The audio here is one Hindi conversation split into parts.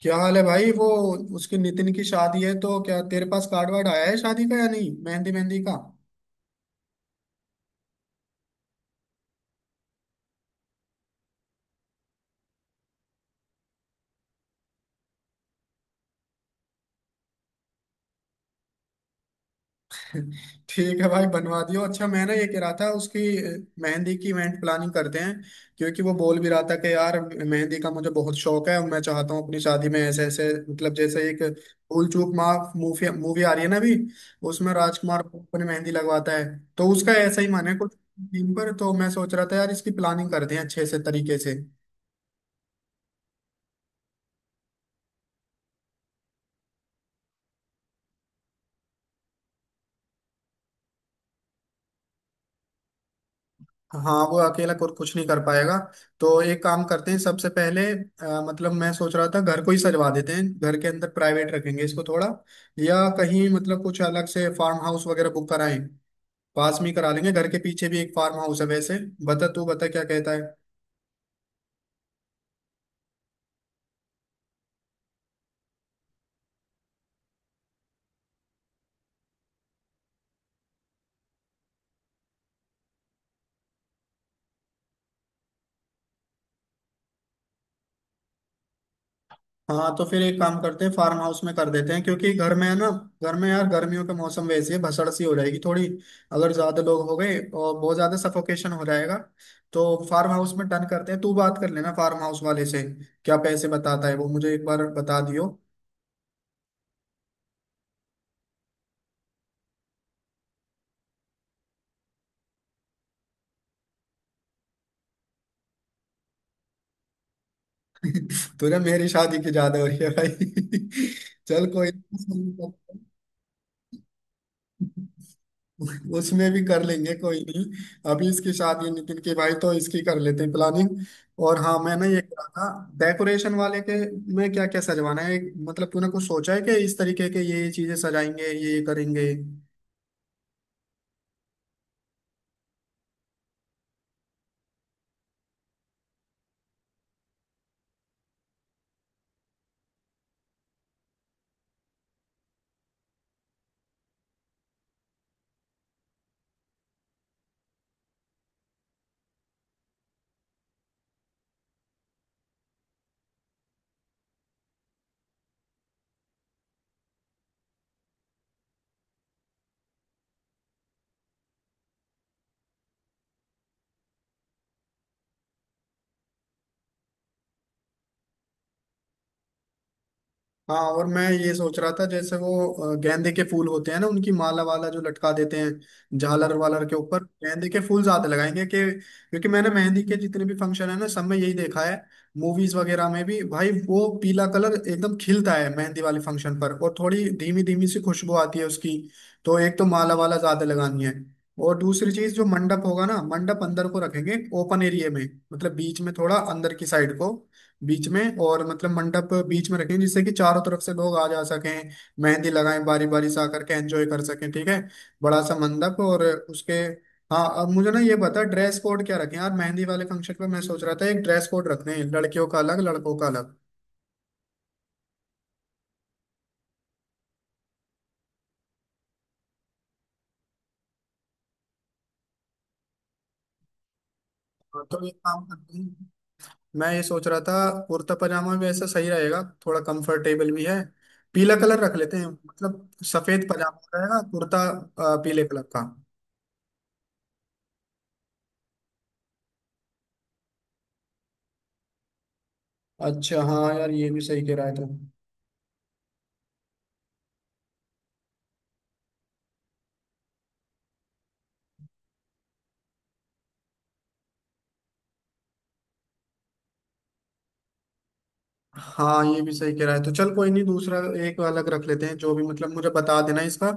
क्या हाल है भाई? वो उसकी नितिन की शादी है तो क्या तेरे पास कार्ड वार्ड आया है शादी का या नहीं, मेहंदी मेहंदी का? ठीक है भाई, बनवा दियो। अच्छा मैं ना ये कह रहा था उसकी मेहंदी की इवेंट प्लानिंग करते हैं, क्योंकि वो बोल भी रहा था कि यार मेहंदी का मुझे बहुत शौक है और मैं चाहता हूँ अपनी शादी में ऐसे ऐसे मतलब जैसे एक भूल चूक माफ मूवी मूवी आ रही है ना अभी, उसमें राजकुमार अपनी मेहंदी लगवाता है तो उसका ऐसा ही मन है कुछ थीम पर। तो मैं सोच रहा था यार, इसकी प्लानिंग करते हैं अच्छे से तरीके से। हाँ वो अकेला कुछ कुछ नहीं कर पाएगा। तो एक काम करते हैं, सबसे पहले मतलब मैं सोच रहा था घर को ही सजवा देते हैं, घर के अंदर प्राइवेट रखेंगे इसको थोड़ा। या कहीं मतलब कुछ अलग से फार्म हाउस वगैरह बुक कराएं, पास में ही करा लेंगे। घर के पीछे भी एक फार्म हाउस है वैसे। बता, तू बता क्या कहता है। हाँ तो फिर एक काम करते हैं, फार्म हाउस में कर देते हैं। क्योंकि घर में है ना, घर में यार गर्मियों के मौसम वैसे ही भसड़ सी हो जाएगी थोड़ी। अगर ज्यादा लोग हो गए और बहुत ज्यादा सफोकेशन हो जाएगा। तो फार्म हाउस में डन करते हैं, तू बात कर लेना फार्म हाउस वाले से। क्या पैसे बताता है वो, मुझे एक बार बता दियो। तुझे मेरी शादी की ज्यादा हो रही है भाई। चल कोई नहीं, उसमें भी कर लेंगे कोई नहीं। अभी इसकी शादी है नितिन की भाई, तो इसकी कर लेते हैं प्लानिंग। और हाँ मैं ना ये कह रहा था डेकोरेशन वाले के में क्या क्या सजवाना है। मतलब तूने कुछ सोचा है कि इस तरीके के ये चीजें सजाएंगे, ये करेंगे? हाँ और मैं ये सोच रहा था जैसे वो गेंदे के फूल होते हैं ना, उनकी माला वाला जो लटका देते हैं झालर वालर के ऊपर, गेंदे के फूल ज्यादा लगाएंगे कि, क्योंकि मैंने मेहंदी के जितने भी फंक्शन है ना सब में यही देखा है। मूवीज वगैरह में भी भाई वो पीला कलर एकदम खिलता है मेहंदी वाले फंक्शन पर, और थोड़ी धीमी धीमी सी खुशबू आती है उसकी। तो एक तो माला वाला ज्यादा लगानी है। और दूसरी चीज जो मंडप होगा ना, मंडप अंदर को रखेंगे ओपन एरिया में। मतलब बीच में थोड़ा अंदर की साइड को, बीच में। और मतलब मंडप बीच में रखें, जिससे कि चारों तरफ से लोग आ जा सकें, मेहंदी लगाएं बारी बारी से आकर के, एंजॉय कर सकें ठीक है। बड़ा सा मंडप। और उसके, हाँ अब मुझे ना ये बता ड्रेस कोड क्या रखें यार मेहंदी वाले फंक्शन पे। मैं सोच रहा था एक ड्रेस कोड रखते हैं, लड़कियों का अलग, लड़कों का अलग। हाँ, तो एक काम करते हैं, मैं ये सोच रहा था कुर्ता पजामा भी ऐसा सही रहेगा, थोड़ा कंफर्टेबल भी है। पीला कलर रख लेते हैं, मतलब सफेद पजामा रहेगा, कुर्ता पीले कलर का। अच्छा हाँ यार, ये भी सही कह रहा है तुम। हाँ ये भी सही कह रहा है। तो चल कोई नहीं, दूसरा एक अलग रख लेते हैं, जो भी मतलब मुझे बता देना इसका।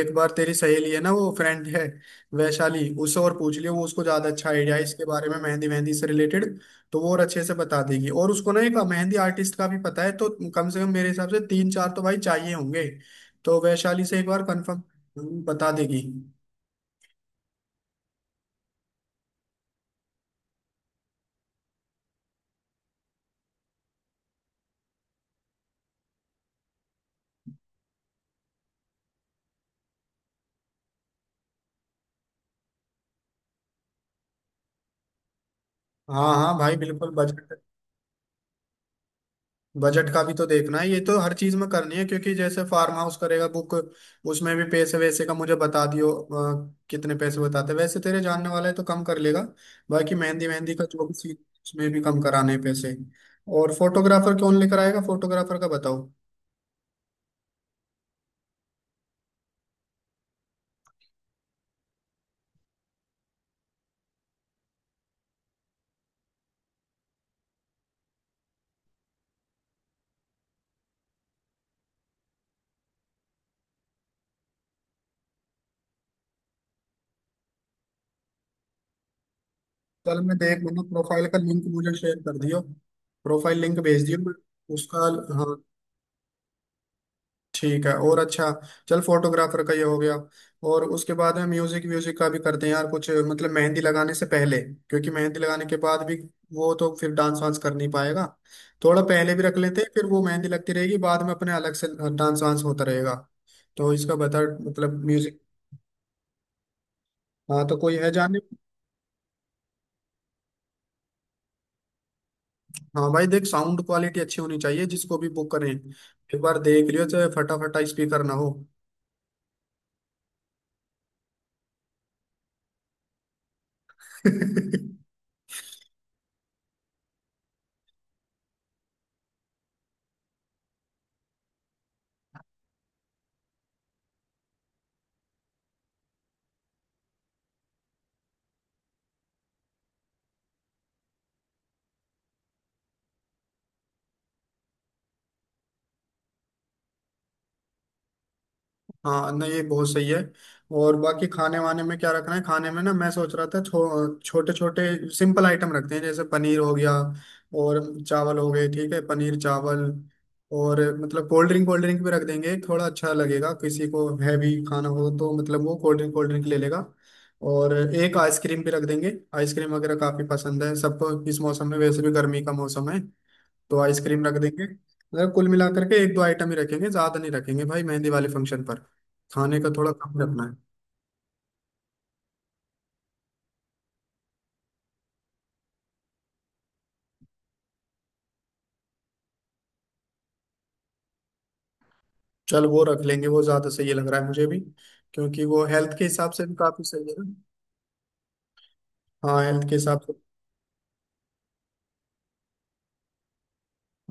एक बार तेरी सहेली है ना वो फ्रेंड है वैशाली, उससे और पूछ लियो। वो उसको ज्यादा अच्छा आइडिया है इसके बारे में, मेहंदी मेहंदी से रिलेटेड। तो वो और अच्छे से बता देगी, और उसको ना एक मेहंदी आर्टिस्ट का भी पता है। तो कम से कम मेरे हिसाब से तीन चार तो भाई चाहिए होंगे। तो वैशाली से एक बार कंफर्म बता देगी। हाँ हाँ भाई बिल्कुल। बजट, बजट का भी तो देखना है, ये तो हर चीज में करनी है, क्योंकि जैसे फार्म हाउस करेगा बुक, उसमें भी पैसे वैसे का मुझे बता दियो। कितने पैसे बताते वैसे, तेरे जानने वाला है तो कम कर लेगा। बाकी मेहंदी मेहंदी का जो भी सीन, उसमें भी कम कराने हैं पैसे। और फोटोग्राफर कौन लेकर आएगा, फोटोग्राफर का बताओ। कल मैं देख लूंगा, प्रोफाइल का लिंक मुझे शेयर कर दियो। प्रोफाइल लिंक भेज दियो। मैं उसका, हाँ ठीक है। और अच्छा चल, फोटोग्राफर का ये हो गया। और उसके बाद में म्यूजिक व्यूजिक का भी करते हैं यार कुछ, मतलब मेहंदी लगाने से पहले, क्योंकि मेहंदी लगाने के बाद भी वो तो फिर डांस वांस कर नहीं पाएगा। थोड़ा पहले भी रख लेते हैं, फिर वो मेहंदी लगती रहेगी बाद में, अपने अलग से डांस वांस होता रहेगा। तो इसका बता, मतलब म्यूजिक। हाँ तो कोई है जाने। हाँ भाई देख, साउंड क्वालिटी अच्छी होनी चाहिए, जिसको भी बुक करें एक बार देख लियो, चाहे फटाफटा स्पीकर ना हो। हाँ नहीं ये बहुत सही है। और बाकी खाने वाने में क्या रखना है, खाने में ना मैं सोच रहा था छोटे छोटे सिंपल आइटम रखते हैं, जैसे पनीर हो गया, और चावल हो गए, ठीक है पनीर चावल। और मतलब कोल्ड ड्रिंक भी रख देंगे, थोड़ा अच्छा लगेगा, किसी को हैवी खाना हो तो मतलब वो कोल्ड ड्रिंक ले लेगा। और एक आइसक्रीम भी रख देंगे, आइसक्रीम वगैरह काफी पसंद है सबको, इस मौसम में वैसे भी गर्मी का मौसम है, तो आइसक्रीम रख देंगे। मतलब कुल मिलाकर के एक दो आइटम ही रखेंगे, ज्यादा नहीं रखेंगे भाई मेहंदी वाले फंक्शन पर। खाने का थोड़ा कम रखना है। चल वो रख लेंगे, वो ज्यादा सही लग रहा है मुझे भी। क्योंकि वो हेल्थ के हिसाब से भी काफी सही है ना। हाँ हेल्थ के हिसाब से।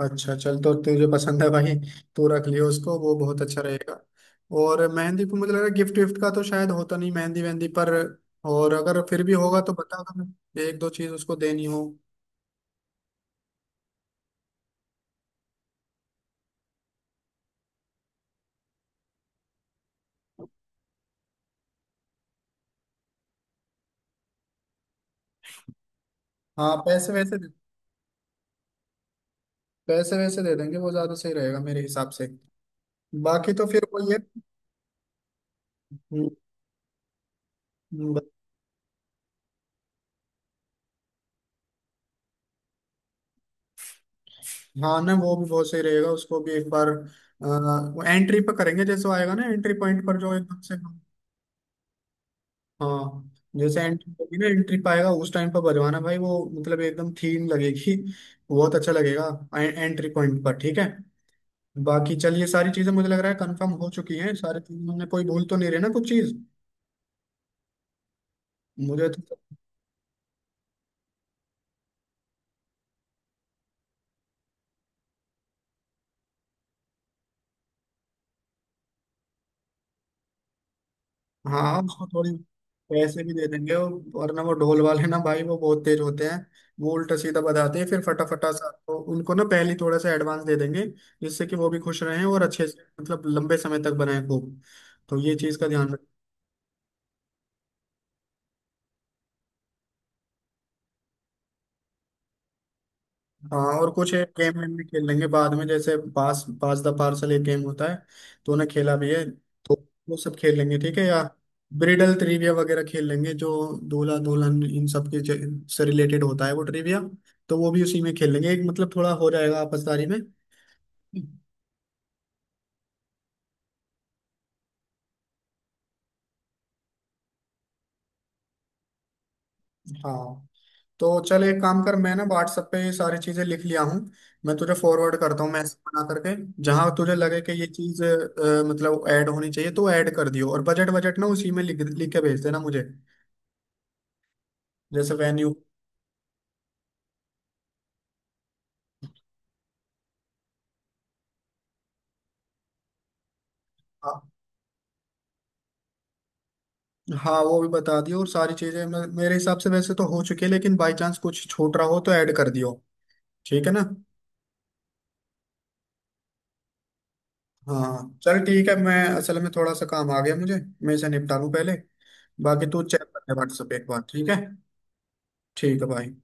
अच्छा चल, तो तुझे पसंद है भाई, तू रख लियो उसको, वो बहुत अच्छा रहेगा। और मेहंदी को मुझे लग रहा है गिफ्ट विफ्ट का तो शायद होता नहीं मेहंदी वहंदी पर। और अगर फिर भी होगा तो बता दो, एक दो चीज उसको देनी हो। हाँ पैसे वैसे दे- पैसे वैसे दे देंगे, वो ज्यादा सही रहेगा मेरे हिसाब से। बाकी तो फिर वही है। हम्म। हाँ ना, वो भी बहुत सही रहेगा। उसको भी एक बार वो एंट्री पर करेंगे, जैसे वो आएगा ना एंट्री पॉइंट पर, जो एकदम से। हाँ, जैसे एंट्री होगी ना, एंट्री पाएगा उस टाइम पर बजवाना भाई वो, मतलब एकदम थीम लगेगी, बहुत अच्छा लगेगा। एंट्री पॉइंट पर ठीक है। बाकी चलिए सारी चीजें मुझे लग रहा है कंफर्म हो चुकी हैं सारी चीजें, हमने कोई भूल तो नहीं रही ना कुछ चीज? मुझे तो। हाँ उसको थोड़ी पैसे भी दे देंगे, और वरना वो ढोल वाले ना भाई वो बहुत तेज होते हैं। वो उल्टा सीधा बताते हैं फिर फटाफटा सा, तो उनको ना पहले ही थोड़ा सा एडवांस दे देंगे, जिससे कि वो भी खुश रहें और अच्छे से मतलब लंबे समय तक बनाए खूब। तो ये चीज का ध्यान। हाँ और कुछ एक गेम वेम भी खेल लेंगे बाद में, जैसे पास पास द पार्सल एक गेम होता है, तो उन्हें खेला भी है, तो वो सब खेल लेंगे ठीक है। या ब्रिडल ट्रिविया वगैरह खेल लेंगे जो दूल्हा दुल्हन इन सब के से रिलेटेड होता है, वो ट्रिविया, तो वो भी उसी में खेल लेंगे। एक मतलब थोड़ा हो जाएगा आपसदारी में। हाँ तो चल एक काम कर, मैं ना व्हाट्सएप पे ये सारी चीजें लिख लिया हूँ, मैं तुझे फॉरवर्ड करता हूँ मैसेज बना करके। जहां तुझे लगे कि ये चीज मतलब ऐड होनी चाहिए तो ऐड कर दियो, और बजट बजट ना उसी में लिख लिख के भेज देना मुझे। जैसे वेन्यू, हाँ। हाँ, वो भी बता दियो। और सारी चीजें मेरे हिसाब से वैसे तो हो चुकी है, लेकिन बाई चांस कुछ छूट रहा हो तो ऐड कर दियो, ठीक है ना। हाँ चल ठीक है, मैं असल में थोड़ा सा काम आ गया मुझे, मैं इसे निपटा लूँ पहले। बाकी तू चेक कर ले व्हाट्सएप एक बार, ठीक है भाई।